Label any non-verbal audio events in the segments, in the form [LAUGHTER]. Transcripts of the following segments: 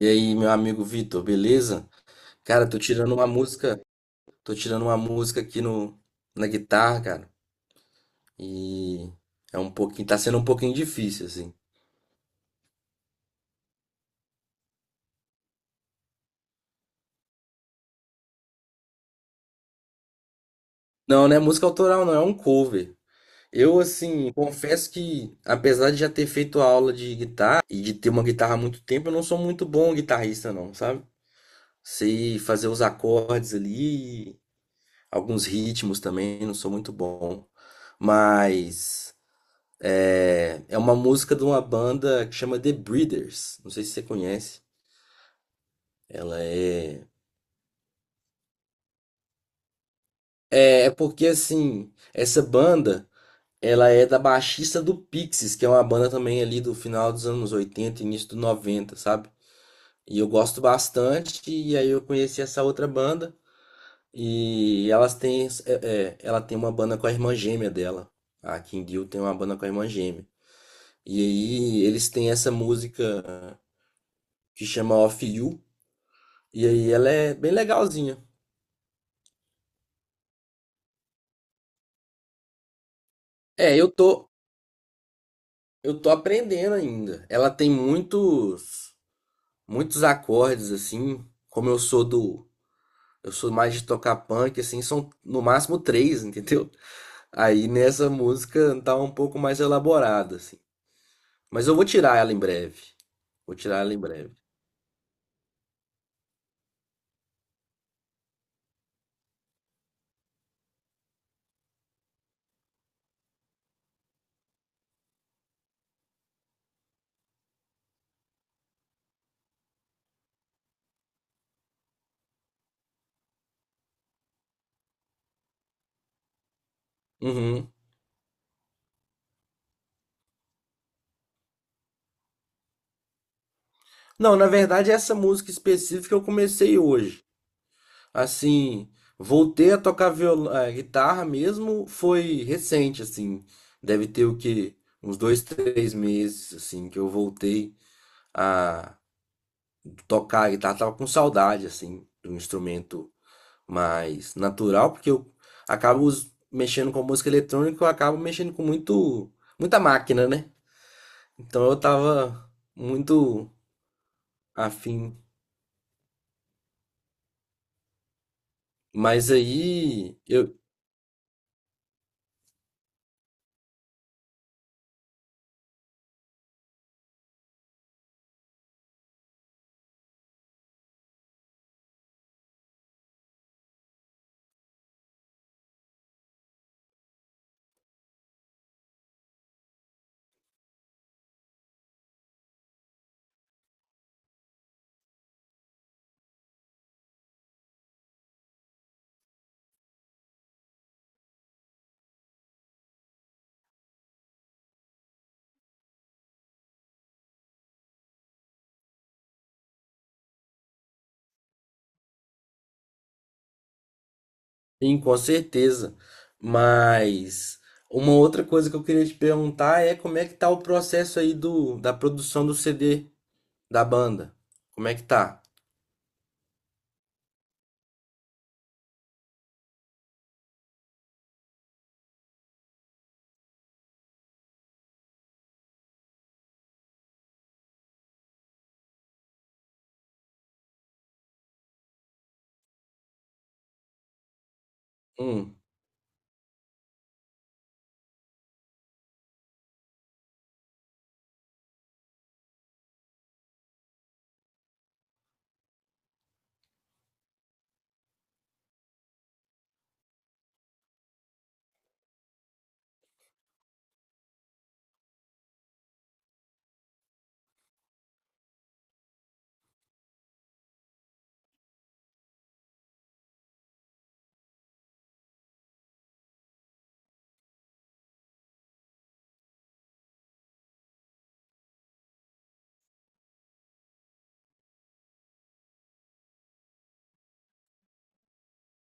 E aí, meu amigo Vitor, beleza? Cara, tô tirando uma música aqui no, na guitarra, cara. E tá sendo um pouquinho difícil, assim. Não, não é música autoral, não, é um cover. Eu, assim, confesso que, apesar de já ter feito aula de guitarra e de ter uma guitarra há muito tempo, eu não sou muito bom guitarrista, não, sabe? Sei fazer os acordes ali, alguns ritmos também, não sou muito bom. Mas. É uma música de uma banda que chama The Breeders. Não sei se você conhece. Ela é. É porque assim, essa banda, ela é da baixista do Pixies, que é uma banda também ali do final dos anos 80 início dos 90, sabe? E eu gosto bastante, e aí eu conheci essa outra banda, e elas têm. É, é, ela tem uma banda com a irmã gêmea dela. A King Deal tem uma banda com a irmã gêmea. E aí eles têm essa música que chama Off You. E aí ela é bem legalzinha. É, eu tô aprendendo ainda. Ela tem muitos, muitos acordes assim, como eu sou mais de tocar punk assim, são no máximo três, [LAUGHS] entendeu? Aí nessa música tá um pouco mais elaborada assim. Mas eu vou tirar ela em breve. Vou tirar ela em breve. Uhum. Não, na verdade essa música específica eu comecei hoje. Assim, voltei a tocar guitarra mesmo, foi recente, assim. Deve ter o quê? Uns dois, três meses, assim, que eu voltei a tocar a guitarra. Tava com saudade, assim, de um instrumento mais natural, porque eu acabo mexendo com música eletrônica, eu acabo mexendo com muita máquina, né? Então eu tava muito afim. Mas aí eu. Sim, com certeza. Mas uma outra coisa que eu queria te perguntar é como é que tá o processo aí da produção do CD da banda? Como é que tá? Hum.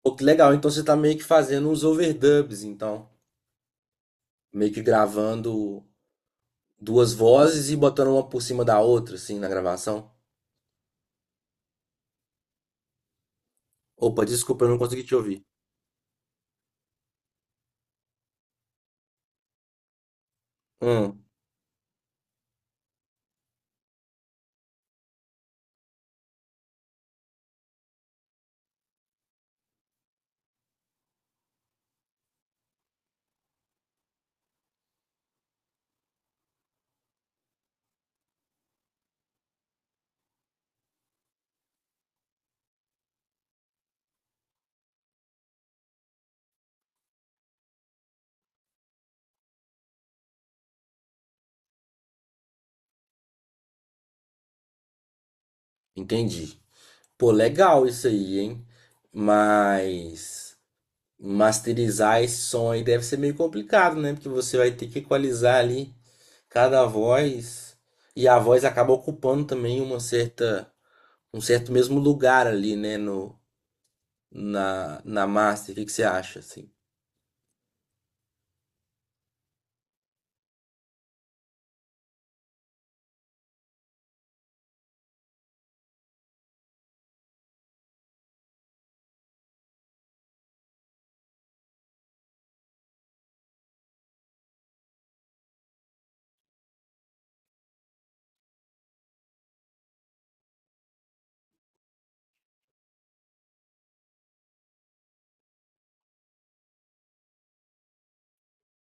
Pô, que legal. Então você tá meio que fazendo uns overdubs, então. Meio que gravando duas vozes e botando uma por cima da outra, assim, na gravação. Opa, desculpa, eu não consegui te ouvir. Hum, entendi. Pô, legal isso aí, hein? Mas. Masterizar esse som aí deve ser meio complicado, né? Porque você vai ter que equalizar ali cada voz e a voz acaba ocupando também uma certa um certo mesmo lugar ali, né, no na na master. O que que você acha assim?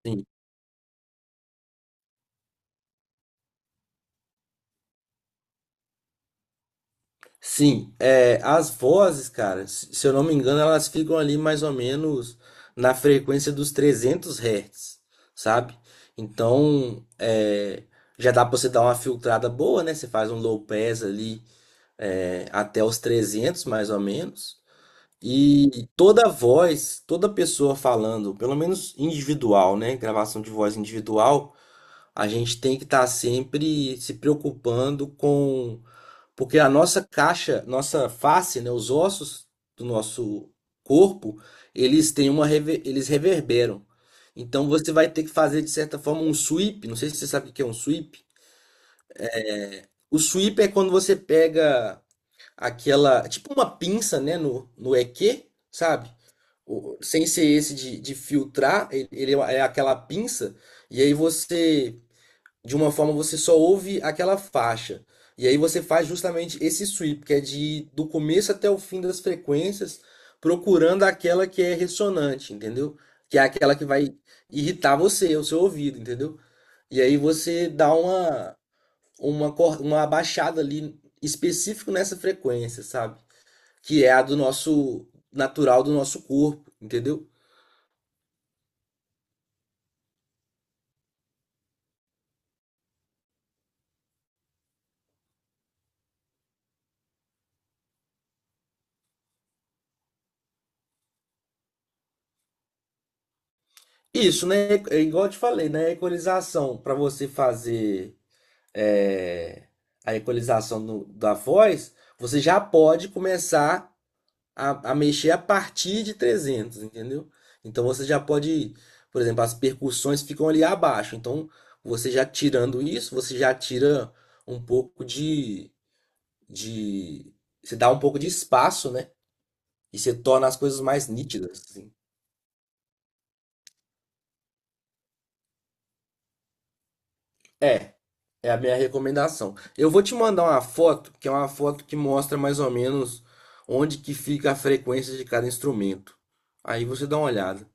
Sim. Sim, as vozes, cara, se eu não me engano, elas ficam ali mais ou menos na frequência dos 300 Hz, sabe? Então, já dá pra você dar uma filtrada boa, né? Você faz um low pass ali até os 300 mais ou menos. E toda voz, toda pessoa falando, pelo menos individual, né? Gravação de voz individual, a gente tem que estar sempre se preocupando com. Porque a nossa caixa, nossa face, né? Os ossos do nosso corpo, eles reverberam. Então você vai ter que fazer, de certa forma, um sweep. Não sei se você sabe o que é um sweep. O sweep é quando você pega aquela, tipo uma pinça, né, no EQ, sabe? Sem ser esse de filtrar, ele é aquela pinça, e aí você, de uma forma, você só ouve aquela faixa. E aí você faz justamente esse sweep, que é de ir do começo até o fim das frequências, procurando aquela que é ressonante, entendeu? Que é aquela que vai irritar você, o seu ouvido, entendeu? E aí você dá uma abaixada ali específico nessa frequência, sabe? Que é a do nosso natural do nosso corpo, entendeu? Isso, né? É igual eu te falei, né? A equalização para você fazer é, a equalização da voz, você já pode começar a mexer a partir de 300, entendeu? Então você já pode, por exemplo, as percussões ficam ali abaixo. Então você já tirando isso, você já tira um pouco de, você dá um pouco de espaço, né? E você torna as coisas mais nítidas, assim. É, é a minha recomendação. Eu vou te mandar uma foto, que é uma foto que mostra mais ou menos onde que fica a frequência de cada instrumento. Aí você dá uma olhada.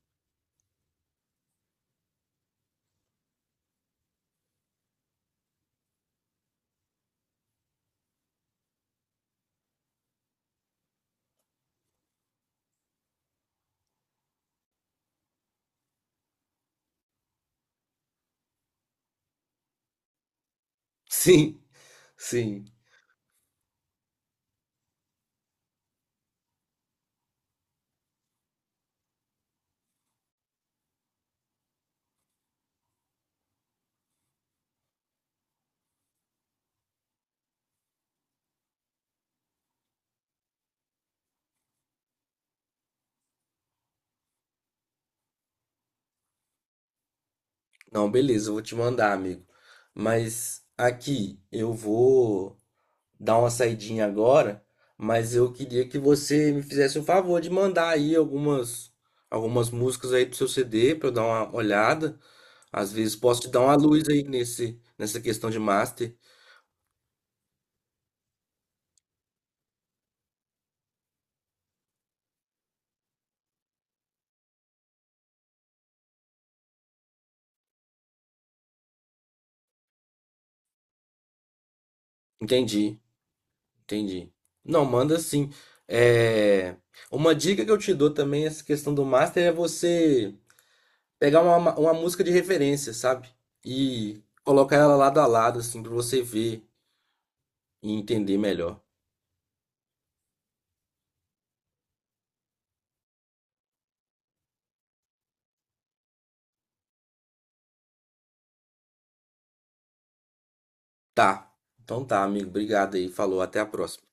[LAUGHS] Sim, sim. Não, beleza, eu vou te mandar, amigo. Mas aqui eu vou dar uma saidinha agora, mas eu queria que você me fizesse o favor de mandar aí algumas músicas aí pro seu CD para eu dar uma olhada. Às vezes posso te dar uma luz aí nesse nessa questão de master. Entendi, entendi. Não, manda sim. É... Uma dica que eu te dou também, essa questão do master, é você pegar uma música de referência, sabe? E colocar ela lado a lado, assim, pra você ver e entender melhor. Tá. Então tá, amigo. Obrigado aí. Falou. Até a próxima.